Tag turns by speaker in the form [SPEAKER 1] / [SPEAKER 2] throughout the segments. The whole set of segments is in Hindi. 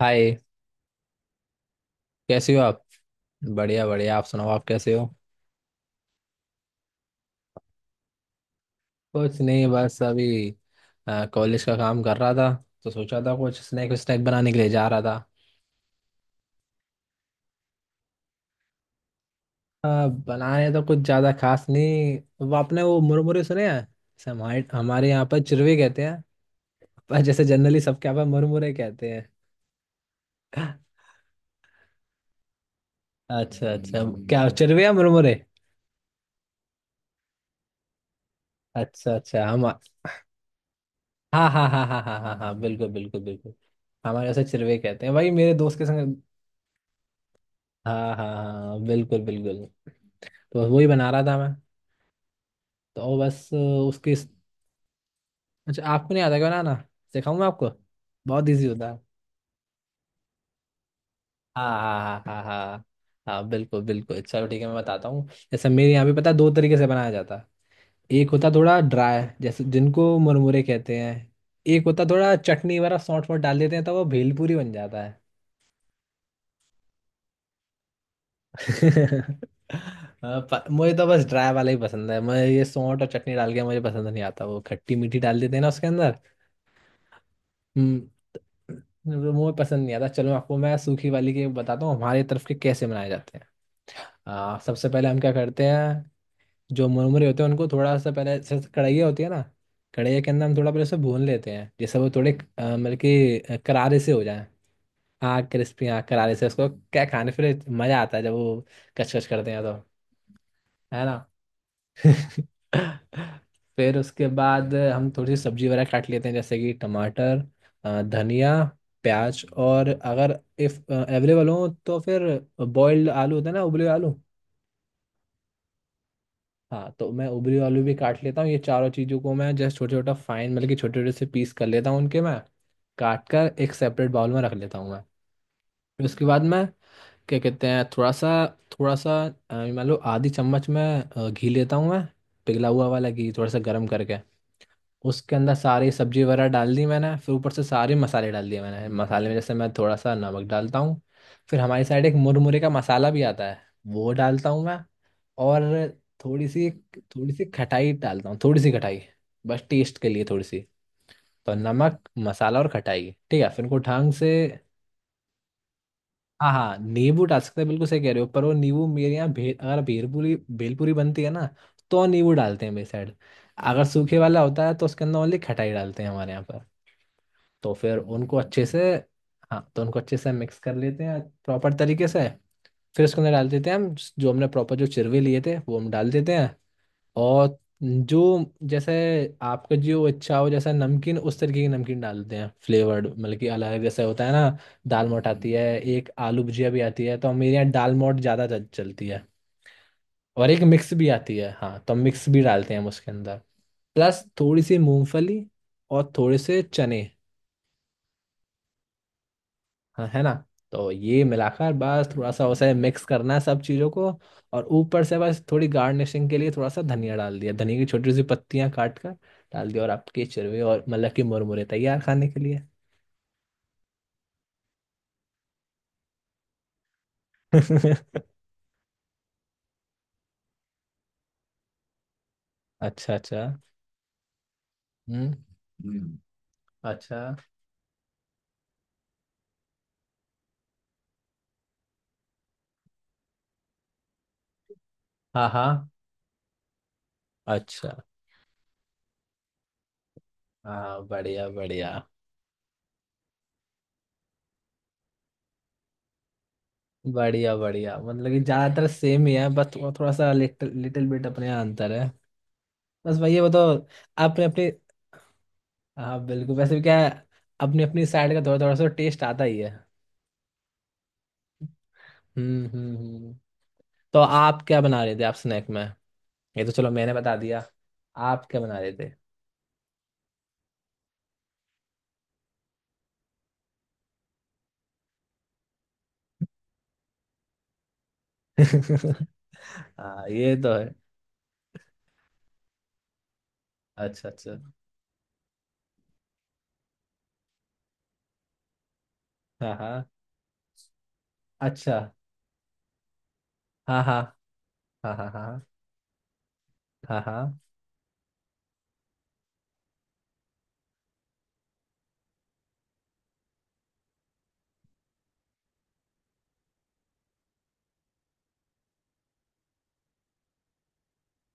[SPEAKER 1] हाय। कैसे हो आप। बढ़िया बढ़िया, आप सुनाओ, आप कैसे हो। कुछ नहीं, बस अभी कॉलेज का काम कर रहा था। तो सोचा था कुछ स्नैक स्नैक बनाने के लिए जा रहा था। बनाने तो कुछ ज़्यादा खास नहीं। वो आपने वो मुरमुरे सुने हैं, जैसे हमारे हमारे यहाँ पर चिरवे कहते हैं। पर जैसे जनरली सबके यहाँ पर मुरमुरे कहते हैं। अच्छा अच्छा, क्या चिरवे या मुरमुरे। अच्छा अच्छा, हम। हाँ हाँ हाँ हाँ हाँ हाँ हाँ, बिल्कुल बिल्कुल बिल्कुल। हमारे यहाँ से चिरवे कहते हैं भाई, मेरे दोस्त के संग। हाँ हाँ हाँ, बिल्कुल बिल्कुल। तो बस वही बना रहा था मैं। तो वो बस उसकी। अच्छा, आपको नहीं आता क्या बनाना। सिखाऊं मैं आपको। बहुत इजी होता है। हाँ हाँ हाँ हाँ हाँ हाँ, बिल्कुल बिल्कुल। चलो ठीक है, मैं बताता हूँ। जैसे मेरे यहाँ पे पता है दो तरीके से बनाया जाता है। एक होता थोड़ा ड्राई, जैसे जिनको मुरमुरे कहते हैं। एक होता थोड़ा चटनी वगैरह सौंठ फोट डाल देते हैं, तो वो भेलपूरी बन जाता है। हाँ, मुझे तो बस ड्राई वाला ही पसंद है। मुझे ये सौंठ और चटनी डाल के मुझे पसंद नहीं आता। वो खट्टी मीठी डाल देते हैं ना उसके अंदर। हम्म। वो मुझे पसंद नहीं आता। चलो आपको मैं सूखी वाली के बताता हूँ, हमारे तरफ के कैसे मनाए जाते हैं। सबसे पहले हम क्या करते हैं। जो मुरमुरे होते हैं उनको थोड़ा सा पहले, जैसे कढ़ैया होती है ना। कढ़ैया के अंदर हम थोड़ा पहले उसे भून लेते हैं, जैसे वो थोड़े मतलब कि करारे से हो जाए। हाँ क्रिस्पी, हाँ करारे से उसको क्या, खाने फिर मज़ा आता है जब वो कचकच करते हैं, तो है ना। फिर उसके बाद हम थोड़ी सी सब्जी वगैरह काट लेते हैं, जैसे कि टमाटर, धनिया, प्याज, और अगर इफ अवेलेबल हो तो फिर बॉइल्ड आलू होता है ना, उबले हुए आलू। हाँ तो मैं उबले हुए आलू भी काट लेता हूँ। ये चारों चीज़ों को मैं जस्ट छोटे छोटा फाइन, मतलब कि छोटे छोटे से पीस कर लेता हूँ उनके मैं। काट कर एक सेपरेट बाउल में रख लेता हूँ मैं। फिर उसके बाद मैं क्या कहते हैं थोड़ा सा मान लो आधी चम्मच में घी लेता हूँ मैं। पिघला हुआ वाला घी थोड़ा सा गर्म करके उसके अंदर सारी सब्जी वगैरह डाल दी मैंने। फिर ऊपर से सारे मसाले डाल दिए मैंने। मसाले में जैसे मैं थोड़ा सा नमक डालता हूँ। फिर हमारी साइड एक मुरमुरे का मसाला भी आता है, वो डालता हूँ मैं। और थोड़ी सी थोड़ी सी खटाई डालता हूँ, थोड़ी सी खटाई, बस टेस्ट के लिए थोड़ी सी। तो नमक मसाला और खटाई ठीक है, फिर उनको ढंग से। हाँ हाँ, नींबू डाल सकते हैं, बिल्कुल सही कह रहे हो। पर वो नींबू मेरे यहाँ अगर भेलपूरी भेलपूरी बनती है ना, तो नींबू डालते हैं मेरी साइड। अगर सूखे वाला होता है तो उसके अंदर ओनली खटाई डालते हैं हमारे यहाँ पर। तो फिर उनको अच्छे से, हाँ तो उनको अच्छे से मिक्स कर लेते हैं प्रॉपर तरीके से। फिर उसके अंदर डाल देते हैं हम, जो हमने प्रॉपर जो चिरवे लिए थे वो हम डाल देते हैं। और जो, जैसे, आपका जो इच्छा हो जैसा नमकीन, उस तरीके की नमकीन डालते हैं। फ्लेवर्ड, मतलब कि अलग जैसे होता है ना। दाल मोठ आती है, एक आलू भुजिया भी आती है। तो हम, मेरे यहाँ दाल मोठ ज़्यादा चलती है। और एक मिक्स भी आती है, हाँ तो हम मिक्स भी डालते हैं हम उसके अंदर। प्लस थोड़ी सी मूंगफली और थोड़े से चने, हाँ है ना। तो ये मिलाकर बस थोड़ा सा उसे मिक्स करना है सब चीज़ों को। और ऊपर से बस थोड़ी गार्निशिंग के लिए थोड़ा सा धनिया डाल दिया, धनिया की छोटी सी पत्तियां काट कर डाल दिया, और आपके चिरवे और मतलब की मुरमुरे तैयार खाने के लिए। अच्छा अच्छा। हम्म हम्म। अच्छा। हाँ हाँ। अच्छा। हाँ बढ़िया बढ़िया। बढ़िया बढ़िया, मतलब कि ज़्यादातर सेम ही है, बस थोड़ा थोड़ा सा, लिटिल लिटिल बिट अपने यहाँ अंतर है। बस भैया बताओ, आपने अपने। हाँ बिल्कुल, वैसे भी क्या है, अपनी अपनी साइड का थोड़ा थोड़ा सा टेस्ट आता ही है। हम्म। तो आप क्या बना रहे थे आप, स्नैक में। ये तो चलो मैंने बता दिया। आप क्या बना रहे थे। हाँ ये तो है। अच्छा अच्छा। हाँ हाँ। अच्छा। हाँ हाँ हाँ हाँ हाँ हाँ हाँ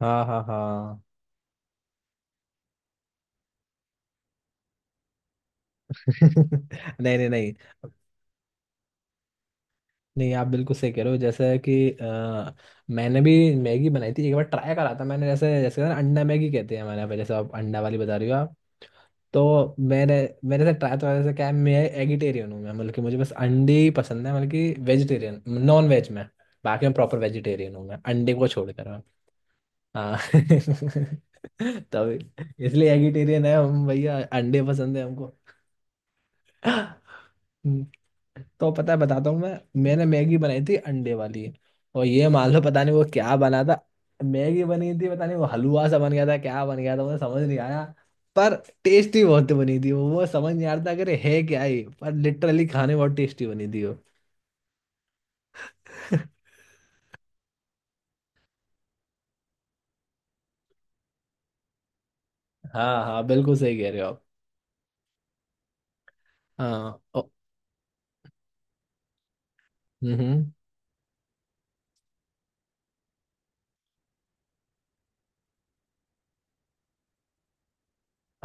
[SPEAKER 1] हाँ हाँ हाँ। नहीं नहीं नहीं। नहीं आप बिल्कुल सही कह रहे हो, जैसे कि मैंने भी मैगी बनाई थी, एक बार ट्राई करा था मैंने। जैसे जैसे ना अंडा मैगी कहते हैं हमारे यहाँ पे, जैसे आप अंडा वाली बता रही हो। तो मैंने मेरे साथ ट्राई, तो ऐसा क्या है, मैं एगिटेरियन हूँ मैं, मतलब कि मुझे बस अंडे ही पसंद है, मतलब कि वेजिटेरियन नॉन वेज में। बाकी मैं प्रॉपर वेजिटेरियन हूँ मैं, अंडे को छोड़कर मैं। हाँ। तब इसलिए एगिटेरियन है हम भैया, अंडे पसंद है हमको। तो पता है बताता हूँ मैं। मैंने मैगी बनाई थी अंडे वाली, और ये मान लो पता नहीं वो क्या बना था। मैगी बनी थी, पता नहीं वो हलवा सा बन गया था, क्या बन गया था मुझे समझ नहीं आया। पर टेस्टी बहुत बनी थी। वो समझ नहीं आ रहा था अगर है क्या ये, पर लिटरली खाने में बहुत टेस्टी बनी थी वो। हाँ हाँ, बिल्कुल सही कह रहे हो आप। हाँ ओ। हम्म।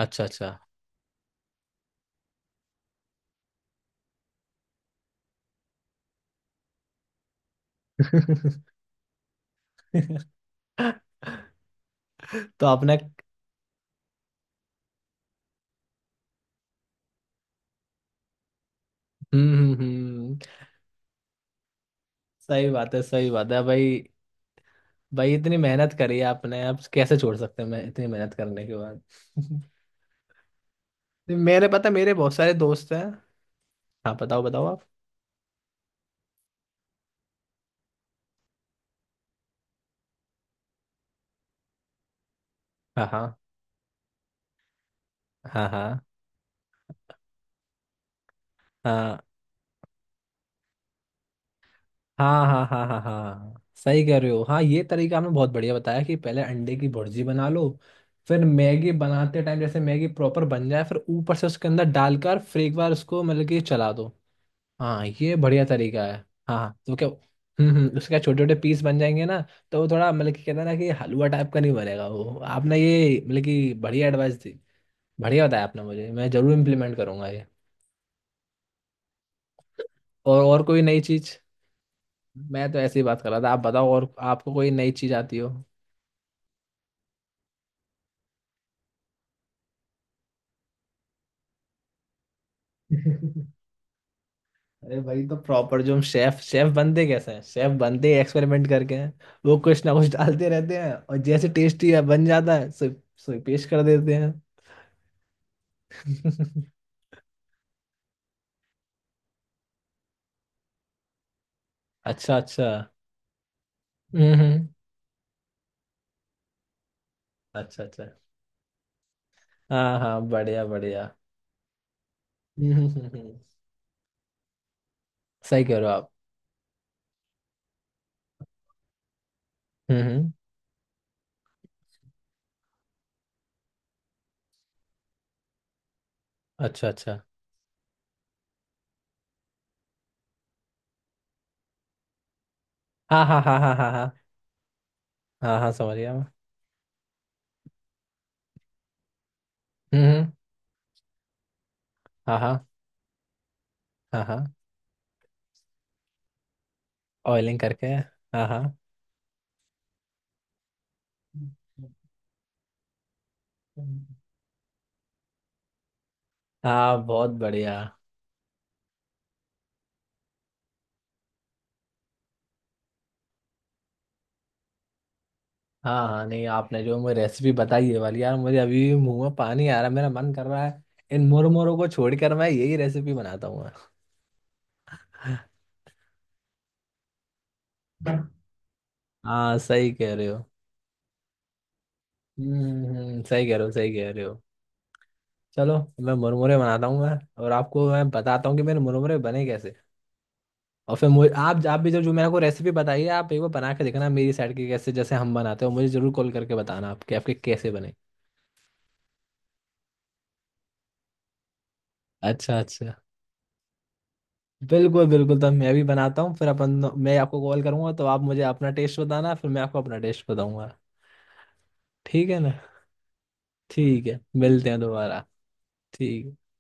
[SPEAKER 1] अच्छा अच्छा। तो आपने। हम्म हम्म हम्म, सही बात है भाई। भाई इतनी मेहनत करी है आपने, आप कैसे छोड़ सकते हैं, मैं इतनी मेहनत करने के बाद। मेरे पता है, मेरे बहुत सारे दोस्त हैं। हाँ बताओ बताओ आप। हाँ हाँ हाँ हाँ हाँ हाँ हाँ हाँ हाँ हाँ, सही कह रहे हो। हाँ ये तरीका आपने बहुत बढ़िया बताया, कि पहले अंडे की भुर्जी बना लो, फिर मैगी बनाते टाइम जैसे मैगी प्रॉपर बन जाए, फिर ऊपर से उसके अंदर डालकर फिर एक बार उसको मतलब कि चला दो। हाँ ये बढ़िया तरीका है। हाँ हाँ, तो क्या। हम्म, उसके छोटे छोटे पीस बन जाएंगे ना, तो वो थोड़ा, मतलब कि कहते हैं ना कि हलवा टाइप का नहीं बनेगा वो। आपने ये मतलब कि बढ़िया एडवाइस दी, बढ़िया बताया आपने मुझे, मैं जरूर इम्प्लीमेंट करूंगा ये। और कोई नई चीज, मैं तो ऐसी बात कर रहा था, आप बताओ और आपको कोई नई चीज आती हो। अरे भाई, तो प्रॉपर जो हम शेफ शेफ बनते कैसे हैं, शेफ बनते एक्सपेरिमेंट करके हैं। वो कुछ ना कुछ डालते रहते हैं और जैसे टेस्टी है बन जाता है, सो पेश कर देते हैं। अच्छा अच्छा। हम्म हम्म। अच्छा अच्छा। हाँ हाँ। बढ़िया बढ़िया। हम्म हम्म, हम्म, हम्म। सही कह रहे हो आप। हम्म। अच्छा अच्छा। हाँ हाँ हाँ हाँ हाँ हाँ हाँ हाँ, समझ गया मैं। हम्म। हाँ हाँ हाँ हाँ, ऑयलिंग करके, हाँ हाँ। हाँ बहुत बढ़िया। हाँ हाँ, नहीं आपने जो मुझे रेसिपी बताई है वाली, यार मुझे अभी भी मुंह में पानी आ रहा है, मेरा मन कर रहा है। इन मुरमुरों को छोड़कर मैं यही रेसिपी बनाता हूँ मैं। हाँ सही कह रहे हो। हम्म सही कह रहे हो सही कह रहे हो। चलो, मैं मुरमुरे बनाता हूँ मैं, और आपको मैं बताता हूँ कि मेरे मुरमुरे बने कैसे। और फिर मुझे आप भी जो जो मेरे को रेसिपी बताई है, आप एक बार बना के देखना मेरी साइड के कैसे जैसे हम बनाते हो, मुझे जरूर कॉल करके बताना आपके आपके कैसे बने। अच्छा अच्छा, बिल्कुल बिल्कुल। तब मैं भी बनाता हूँ फिर अपन। मैं आपको कॉल करूंगा तो आप मुझे अपना टेस्ट बताना, फिर मैं आपको अपना टेस्ट बताऊंगा। ठीक है ना। ठीक है, मिलते हैं दोबारा। ठीक।